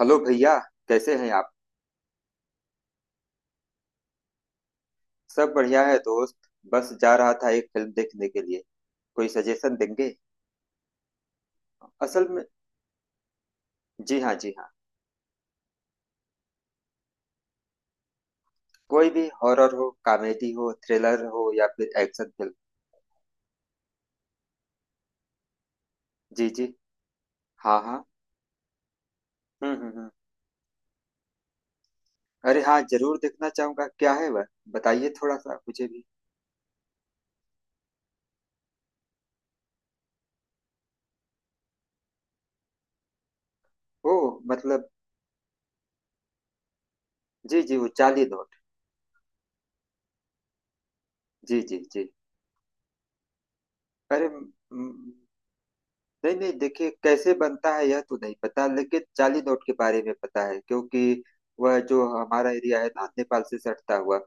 Hello भैया, कैसे हैं आप। सब बढ़िया है दोस्त। बस जा रहा था एक फिल्म देखने के लिए। कोई सजेशन देंगे। असल में जी हाँ, जी हाँ। कोई भी हॉरर हो, कॉमेडी हो, थ्रिलर हो या फिर एक्शन फिल्म। जी जी। हाँ हाँ। हम्म। अरे हाँ, जरूर देखना चाहूंगा। क्या है वह, बताइए थोड़ा सा मुझे भी। ओ। मतलब जी जी, वो चार्ली नॉट। जी जी जी। अरे म, म, नहीं नहीं, देखिए कैसे बनता है यह तो नहीं पता, लेकिन जाली नोट के बारे में पता है क्योंकि वह जो हमारा एरिया है ना, नेपाल से सटता हुआ।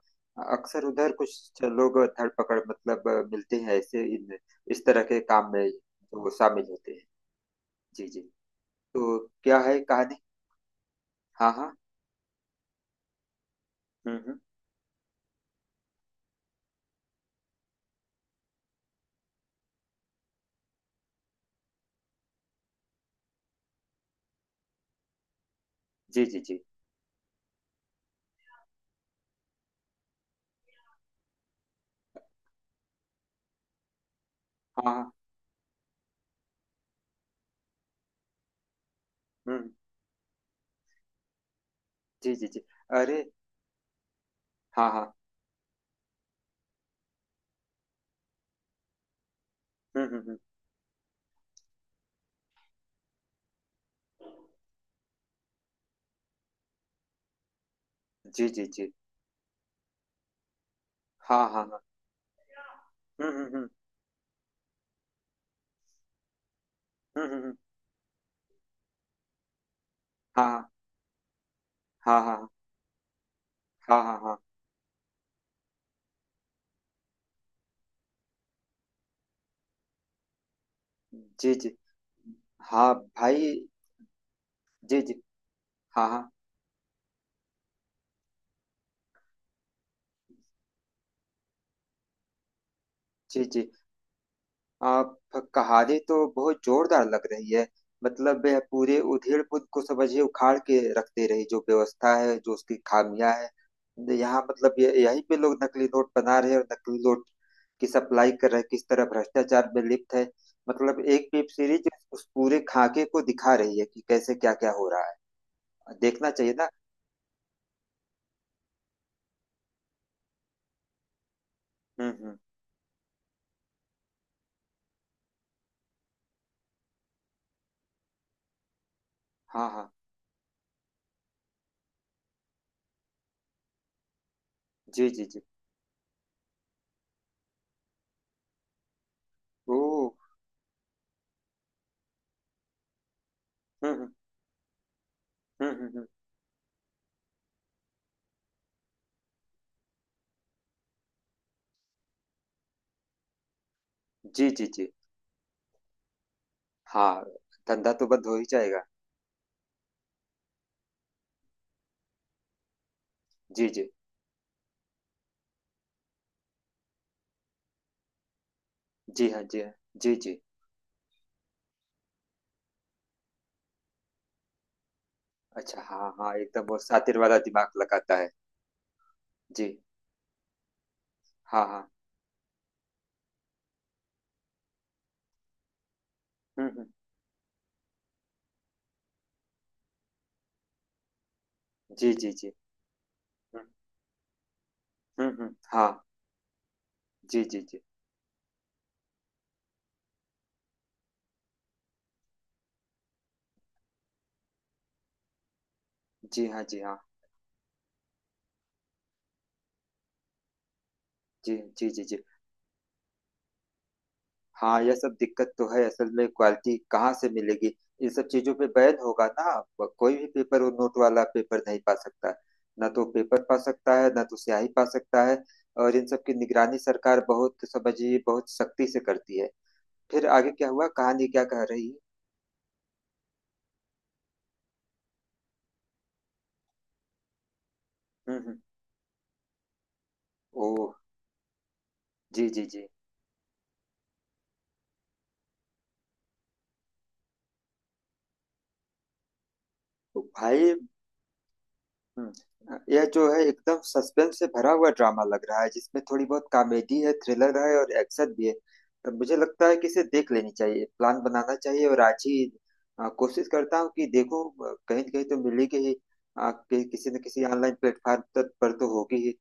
अक्सर उधर कुछ लोग धर पकड़ मतलब मिलते हैं ऐसे इन, इस तरह के काम में जो शामिल होते हैं। जी जी। तो क्या है कहानी। हाँ हाँ। हम्म। जी जी जी। हाँ हाँ। हम्म हम्म। जी जी जी। अरे हाँ हाँ। हम्म। जी जी जी। हाँ हाँ हाँ। हम्म। हम्म हम्म, हम्म। हाँ। हाँ हाँ हाँ हाँ हाँ। हाँ हाँ। जी जी। हाँ भाई। जी जी। हाँ हाँ। जी जी। आप कहानी तो बहुत जोरदार लग रही है। मतलब वह पूरे उधेड़ पुद को समझिए उखाड़ के रखते रही। जो व्यवस्था है, जो उसकी खामियां है, यहाँ मतलब ये यहीं पे लोग नकली नोट बना रहे हैं और नकली नोट की सप्लाई कर रहे हैं, किस तरह भ्रष्टाचार में लिप्त है। मतलब एक वेब सीरीज उस पूरे खाके को दिखा रही है कि कैसे क्या क्या हो रहा है। देखना चाहिए ना। हम्म। हाँ हाँ। जी जी जी। ओ। हम्म हम्म हम्म। जी जी जी। हाँ। धंधा तो बंद हो ही जाएगा। जी जी जी। हाँ जी, हाँ जी। जी अच्छा, हाँ हाँ, एकदम वो शातिर वाला दिमाग लगाता है। जी। हाँ हाँ। हम्म। जी जी जी। हम्म हाँ। जी जी जी जी। हाँ जी, हाँ जी जी जी जी। हाँ, यह सब दिक्कत तो है। असल में क्वालिटी कहाँ से मिलेगी। इन सब चीजों पे बैन होगा ना। कोई भी पेपर, वो नोट वाला पेपर नहीं पा सकता। ना तो पेपर पा सकता है, ना तो स्याही पा सकता है। और इन सब की निगरानी सरकार बहुत समझिए बहुत सख्ती से करती है। फिर आगे क्या हुआ, कहानी क्या कह रही है। हम्म। ओह। जी जी जी। तो भाई। हम्म, यह जो है एकदम सस्पेंस से भरा हुआ ड्रामा लग रहा है, जिसमें थोड़ी बहुत कॉमेडी है, थ्रिलर है और एक्शन भी है। तो मुझे लगता है कि इसे देख लेनी चाहिए, प्लान बनाना चाहिए और आज ही कोशिश करता हूँ कि देखो कहीं न कहीं तो मिलेगी ही। किसी न किसी ऑनलाइन प्लेटफॉर्म पर तो होगी ही।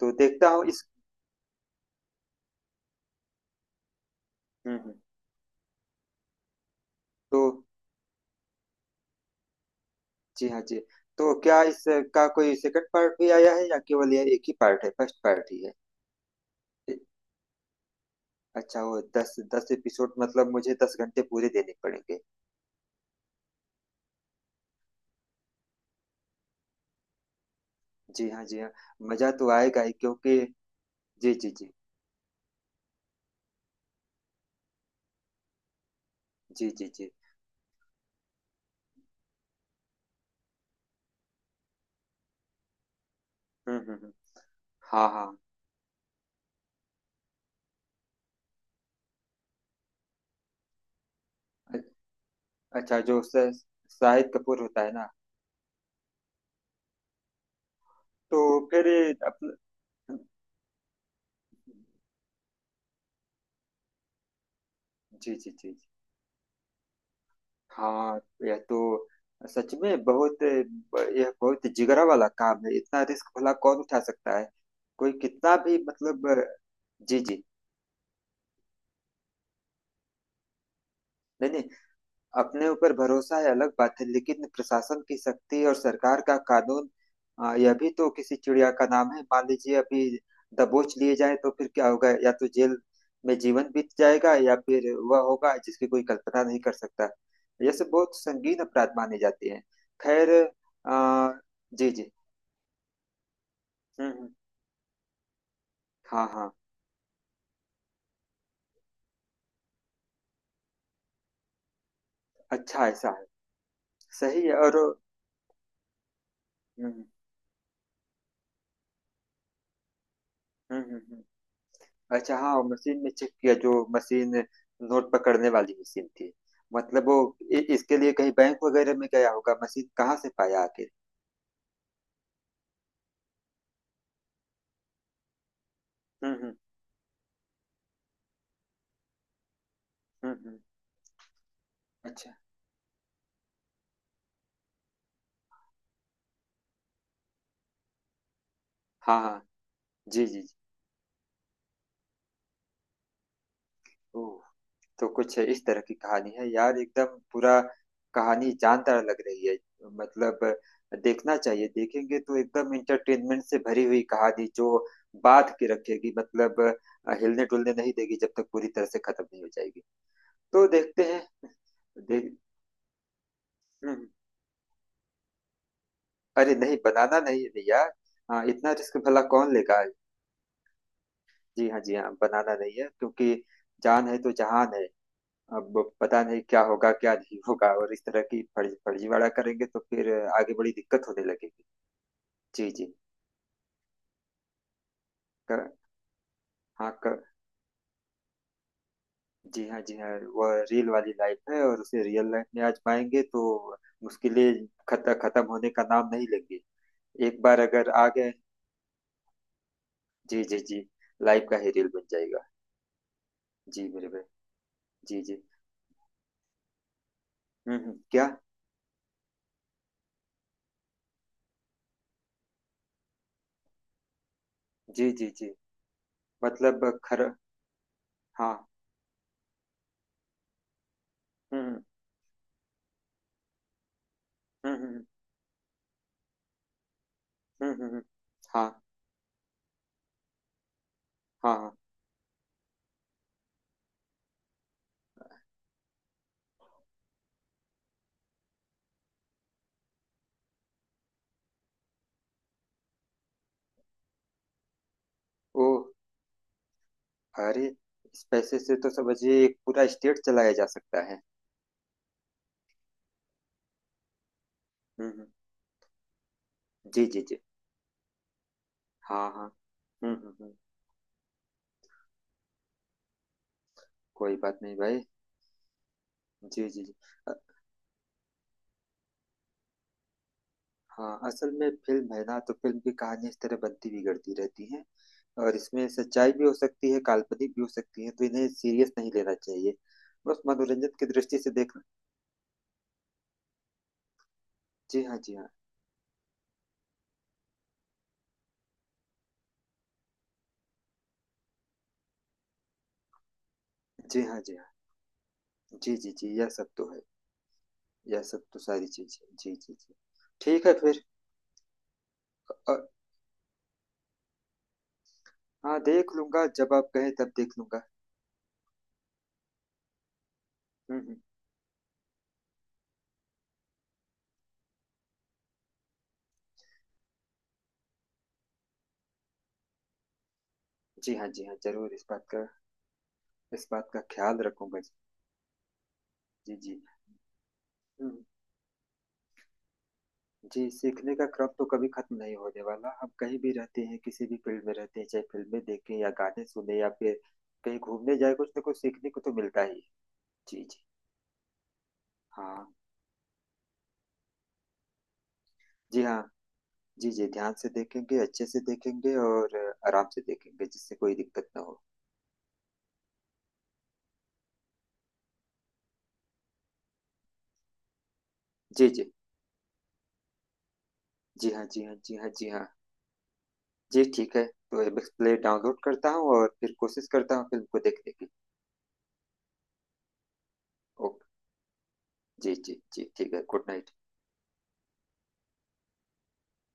तो देखता हूँ इस। हम्म हम्म। तो जी हाँ, जी। तो क्या इसका कोई सेकंड पार्ट भी आया है, या केवल यह एक ही पार्ट है, फर्स्ट पार्ट ही है। ए- अच्छा, वो दस दस एपिसोड। मतलब मुझे दस घंटे पूरे देने पड़ेंगे। जी हाँ, जी हाँ। मजा तो आएगा ही क्योंकि जी जी जी। जी जी जी। हम्म हम्म हम्म। हाँ हाँ। अ- अच्छा, जो शाहिद कपूर होता है ना। तो फिर अपना जी जी जी। हाँ, यह तो सच में बहुत, यह बहुत जिगरा वाला काम है। इतना रिस्क भला कौन उठा सकता है। कोई कितना भी मतलब जी जी। नहीं नहीं, अपने ऊपर भरोसा है अलग बात है, लेकिन प्रशासन की शक्ति और सरकार का कानून, यह भी तो किसी चिड़िया का नाम है। मान लीजिए अभी दबोच लिए जाए तो फिर क्या होगा, या तो जेल में जीवन बीत जाएगा या फिर वह होगा जिसकी कोई कल्पना नहीं कर सकता। यह सब बहुत संगीन अपराध माने जाते हैं। खैर, आ, जी जी। हम्म हम्म, हाँ हाँ। अच्छा ऐसा है। सही है। और हम्म हम्म हम्म हम्म, अच्छा हाँ, मशीन में चेक किया। जो मशीन नोट पकड़ने वाली मशीन थी, मतलब वो इसके लिए कहीं बैंक वगैरह में गया होगा। मशीन कहाँ से पाया आखिर। हम्म। हम्म हम्म, अच्छा। हाँ हाँ। जी जी जी। ओह, तो कुछ इस तरह की कहानी है यार। एकदम पूरा कहानी जानदार लग रही है। मतलब देखना चाहिए। देखेंगे तो एकदम इंटरटेनमेंट से भरी हुई कहानी जो बांध के रखेगी। मतलब हिलने डुलने नहीं देगी जब तक पूरी तरह से खत्म नहीं हो जाएगी। तो देखते हैं। देख हम्म, अरे नहीं, बनाना नहीं है भैया। हाँ, इतना रिस्क भला कौन लेगा। जी हाँ, जी हाँ, बनाना नहीं है क्योंकि जान है तो जहान है। अब पता नहीं क्या होगा, क्या नहीं होगा, और इस तरह की फर्जीवाड़ा करेंगे तो फिर आगे बड़ी दिक्कत होने लगेगी। जी जी। कर हाँ, कर जी हाँ, जी हाँ। वह रियल वाली लाइफ है, और उसे रियल लाइफ में आजमाएंगे तो मुश्किलें खत्म होने का नाम नहीं लेंगे। एक बार अगर आ गए, जी जी जी, लाइफ का ही रियल बन जाएगा। जी मेरे भाई। जी जी। क्या। जी, जी, जी। मतलब खर हाँ। हुँ, हुँ। हुँ, हुँ, हुँ। हुँ, हुँ, हुँ। हाँ, हाँ, हाँ। ओह! अरे! इस पैसे से तो समझिए एक पूरा स्टेट चलाया जा सकता है। हुँ, हुँ। जी, जी, जी। हाँ, हाँ। हुँ, हुँ, हुँ। कोई बात नहीं भाई। जी, जी, जी। अ, हाँ, असल में फ़िल्म है ना, तो फ़िल्म की कहानी इस तरह बनती बिगड़ती रहती है और इसमें सच्चाई भी हो सकती है, काल्पनिक भी हो सकती है, तो इन्हें सीरियस नहीं लेना चाहिए। बस मनोरंजन की दृष्टि से देखना। जी हाँ, जी हाँ। जी हाँ, जी हाँ। जी जी जी, यह सब तो है, यह सब तो सारी चीज है। जी जी जी। ठीक है फिर। अ, हाँ, देख लूंगा, जब आप कहें तब देख लूंगा। हम्म हम्म, जी हाँ, जी हाँ, जरूर इस बात का, इस बात का ख्याल रखूंगा जी। जी जी। हम्म, जी सीखने का क्रम तो कभी खत्म नहीं होने वाला। हम कहीं भी रहते हैं, किसी भी फील्ड में रहते हैं, चाहे फिल्में देखें या गाने सुने या फिर कहीं घूमने जाए, कुछ ना कुछ सीखने को तो मिलता ही है। जी जी। हाँ जी, हाँ जी। जी ध्यान से देखेंगे, अच्छे से देखेंगे और आराम से देखेंगे जिससे कोई दिक्कत ना हो। जी जी जी। हाँ जी, हाँ जी, हाँ जी, हाँ जी। ठीक है, तो एपेक्स प्ले डाउनलोड करता हूँ और फिर कोशिश करता हूँ फिल्म को देखने की। ओके। जी जी जी, ठीक है, गुड नाइट।